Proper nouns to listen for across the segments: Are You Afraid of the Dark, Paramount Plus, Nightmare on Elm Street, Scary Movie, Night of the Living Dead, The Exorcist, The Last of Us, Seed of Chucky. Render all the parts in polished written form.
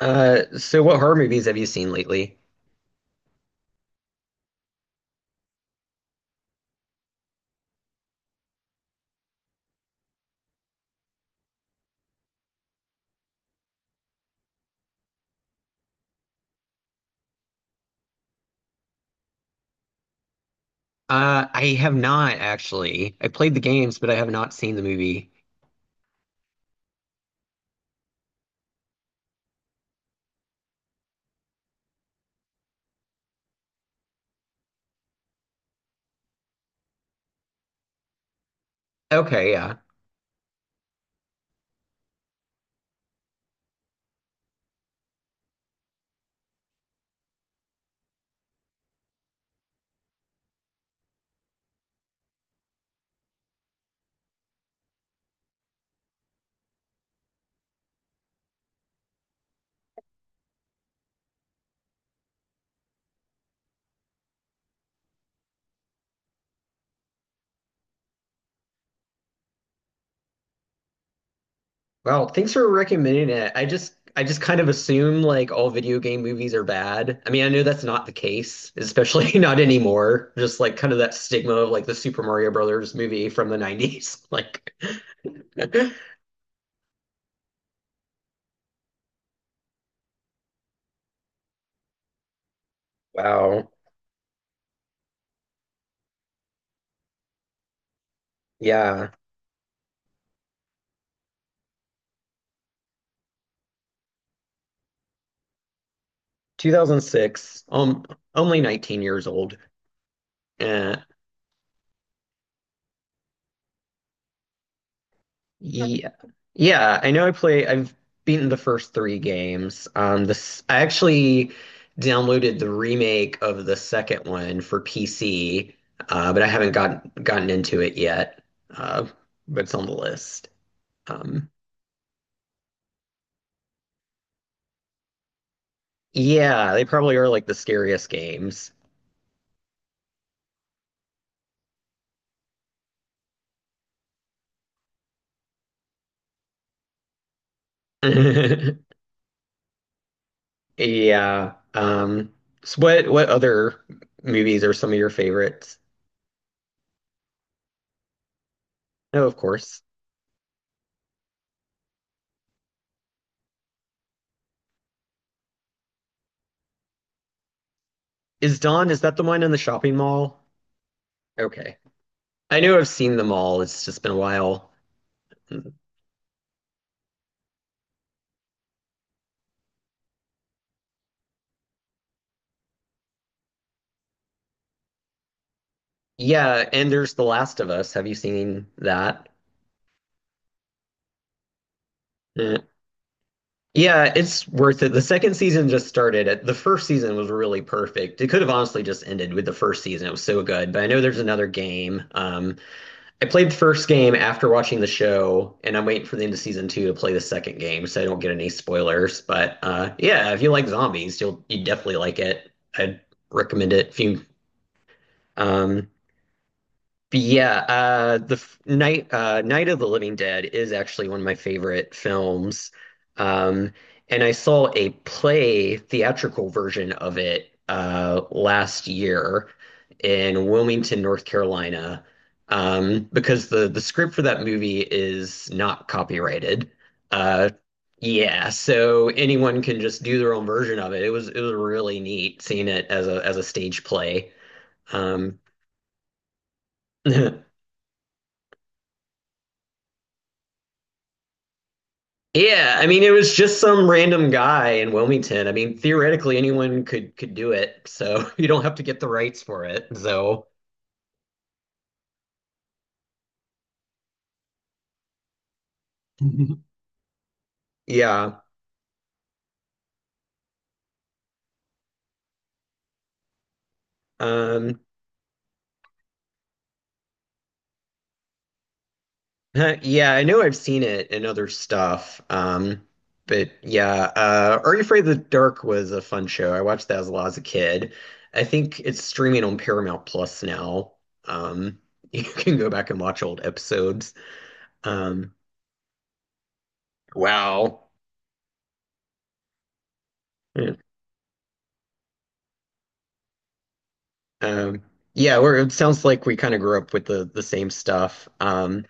So what horror movies have you seen lately? I have not actually. I played the games, but I have not seen the movie. Okay, yeah. Well, thanks for recommending it. I just kind of assume like all video game movies are bad. I mean, I know that's not the case, especially not anymore. Just like kind of that stigma of like the Super Mario Brothers movie from the 90s. Like wow. Yeah. 2006. Only 19 years old. Eh, yeah. Yeah, I know I've beaten the first three games. This I actually downloaded the remake of the second one for PC, but I haven't gotten into it yet. Uh, but it's on the list. Um yeah, they probably are like the scariest games. Yeah. So what other movies are some of your favorites? Oh, of course. Is Dawn, is that the one in the shopping mall? Okay. I know I've seen them all. It's just been a while. Yeah, and there's The Last of Us. Have you seen that? Eh. Yeah, it's worth it. The second season just started. It- The first season was really perfect. It could have honestly just ended with the first season. It was so good. But I know there's another game. I played the first game after watching the show, and I'm waiting for the end of season two to play the second game, so I don't get any spoilers. But yeah, if you like zombies, you definitely like it. I'd recommend it if you um, but yeah, the f- Night Night of the Living Dead is actually one of my favorite films, um, and I saw a play theatrical version of it last year in Wilmington, North Carolina, because the script for that movie is not copyrighted. Uh, yeah, so anyone can just do their own version of it. It was really neat seeing it as a stage play. Um, Yeah, I mean it was just some random guy in Wilmington. I mean theoretically anyone could do it. So you don't have to get the rights for it. So yeah. Um yeah, I know I've seen it in other stuff. But yeah, Are You Afraid of the Dark was a fun show. I watched that as a lot as a kid. I think it's streaming on Paramount Plus now. Um you can go back and watch old episodes. Um wow. Yeah. Um, it sounds like we kind of grew up with the same stuff.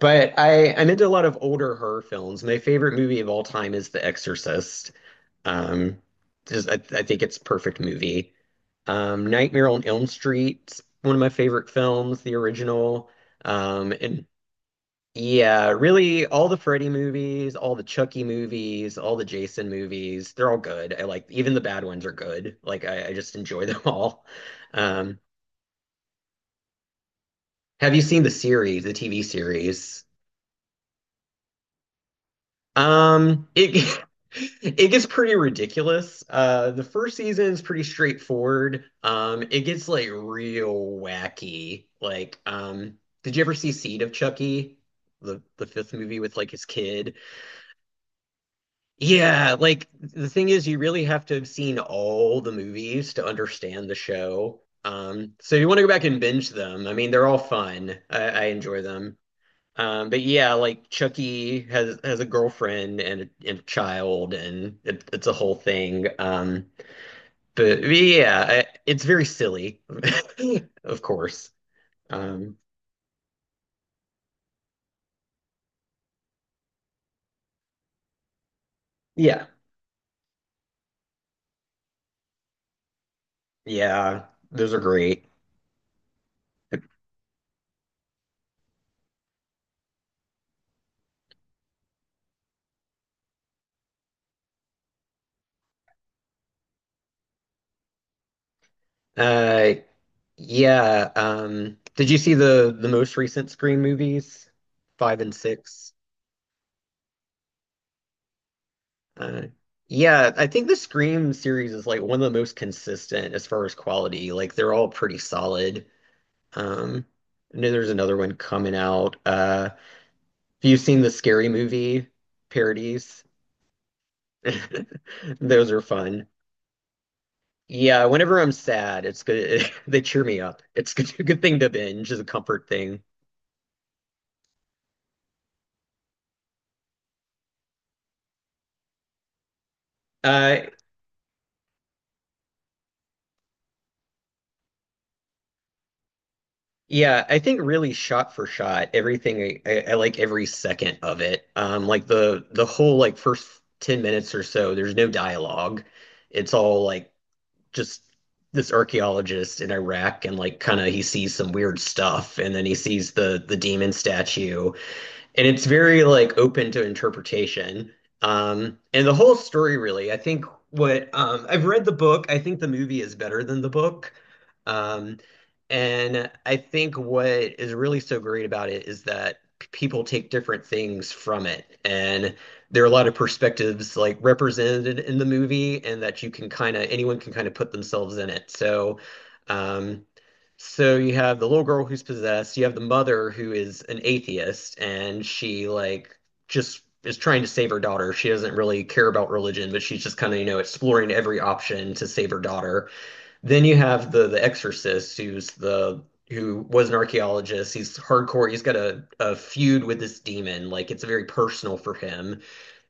But I'm into a lot of older horror films. My favorite movie of all time is The Exorcist. Um, just I think it's a perfect movie. Nightmare on Elm Street, one of my favorite films, the original. And Yeah, really all the Freddy movies, all the Chucky movies, all the Jason movies, they're all good. I like even the bad ones are good. Like I just enjoy them all. Um, Have you seen the series, the TV series? It it gets pretty ridiculous. The first season is pretty straightforward. It gets like real wacky. Like, did you ever see Seed of Chucky? The fifth movie with like his kid. Yeah, like the thing is you really have to have seen all the movies to understand the show. So if you want to go back and binge them. I mean, they're all fun. I enjoy them. But yeah, like Chucky has a girlfriend and a child, and it's a whole thing. But yeah, it's very silly, of course. Um, yeah, yeah, those are great. Uh, yeah. Did you see the most recent Scream movies, five and six? Uh, yeah, I think the Scream series is like one of the most consistent as far as quality. Like they're all pretty solid. Um, I know there's another one coming out. Have you seen the Scary Movie parodies? Those are fun. Yeah, whenever I'm sad, it's good. They cheer me up. It's good, a good thing to binge is a comfort thing. Uh, yeah, I think really shot for shot, everything I like every second of it. Like the whole like first 10 minutes or so, there's no dialogue. It's all like just this archaeologist in Iraq and like kind of he sees some weird stuff and then he sees the demon statue and it's very like open to interpretation. And the whole story really, I think what I've read the book, I think the movie is better than the book. Um, and I think what is really so great about it is that people take different things from it. And there are a lot of perspectives like represented in the movie, and that you can kind of, anyone can kind of put themselves in it. So, um, so you have the little girl who's possessed, you have the mother who is an atheist, and she like just is trying to save her daughter. She doesn't really care about religion, but she's just kind of, you know, exploring every option to save her daughter. Then you have the exorcist who's the who was an archaeologist. He's hardcore. He's got a feud with this demon. Like it's very personal for him.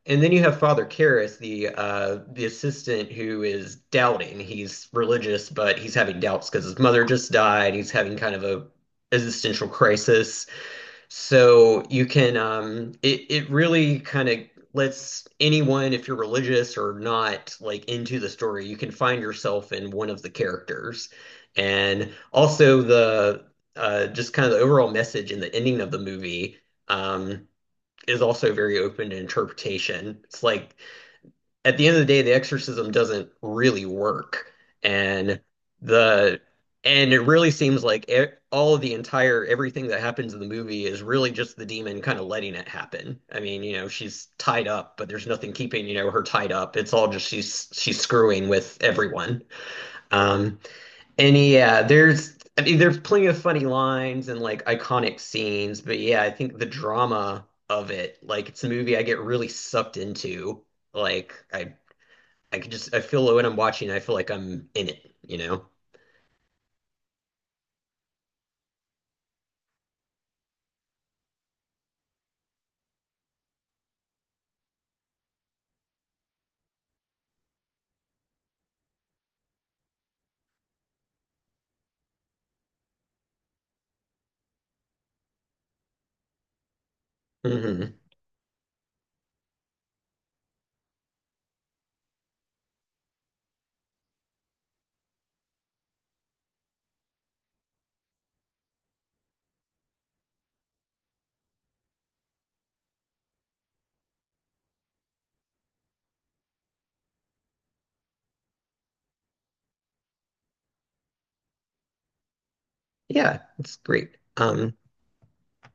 And then you have Father Karras, the assistant who is doubting. He's religious, but he's having doubts because his mother just died. He's having kind of a existential crisis. So you can it really kind of lets anyone, if you're religious or not, like into the story, you can find yourself in one of the characters. And also the just kind of the overall message in the ending of the movie. Um, is also very open to interpretation. It's like at the end of the day, the exorcism doesn't really work, and the and it really seems like e all of the entire everything that happens in the movie is really just the demon kind of letting it happen. I mean, you know, she's tied up, but there's nothing keeping, you know, her tied up. It's all just she's screwing with everyone. Um, and yeah, there's I mean there's plenty of funny lines and like iconic scenes, but yeah, I think the drama of it, like it's a movie I get really sucked into. Like I could just I feel when I'm watching, I feel like I'm in it, you know? Hmm. Yeah, it's great.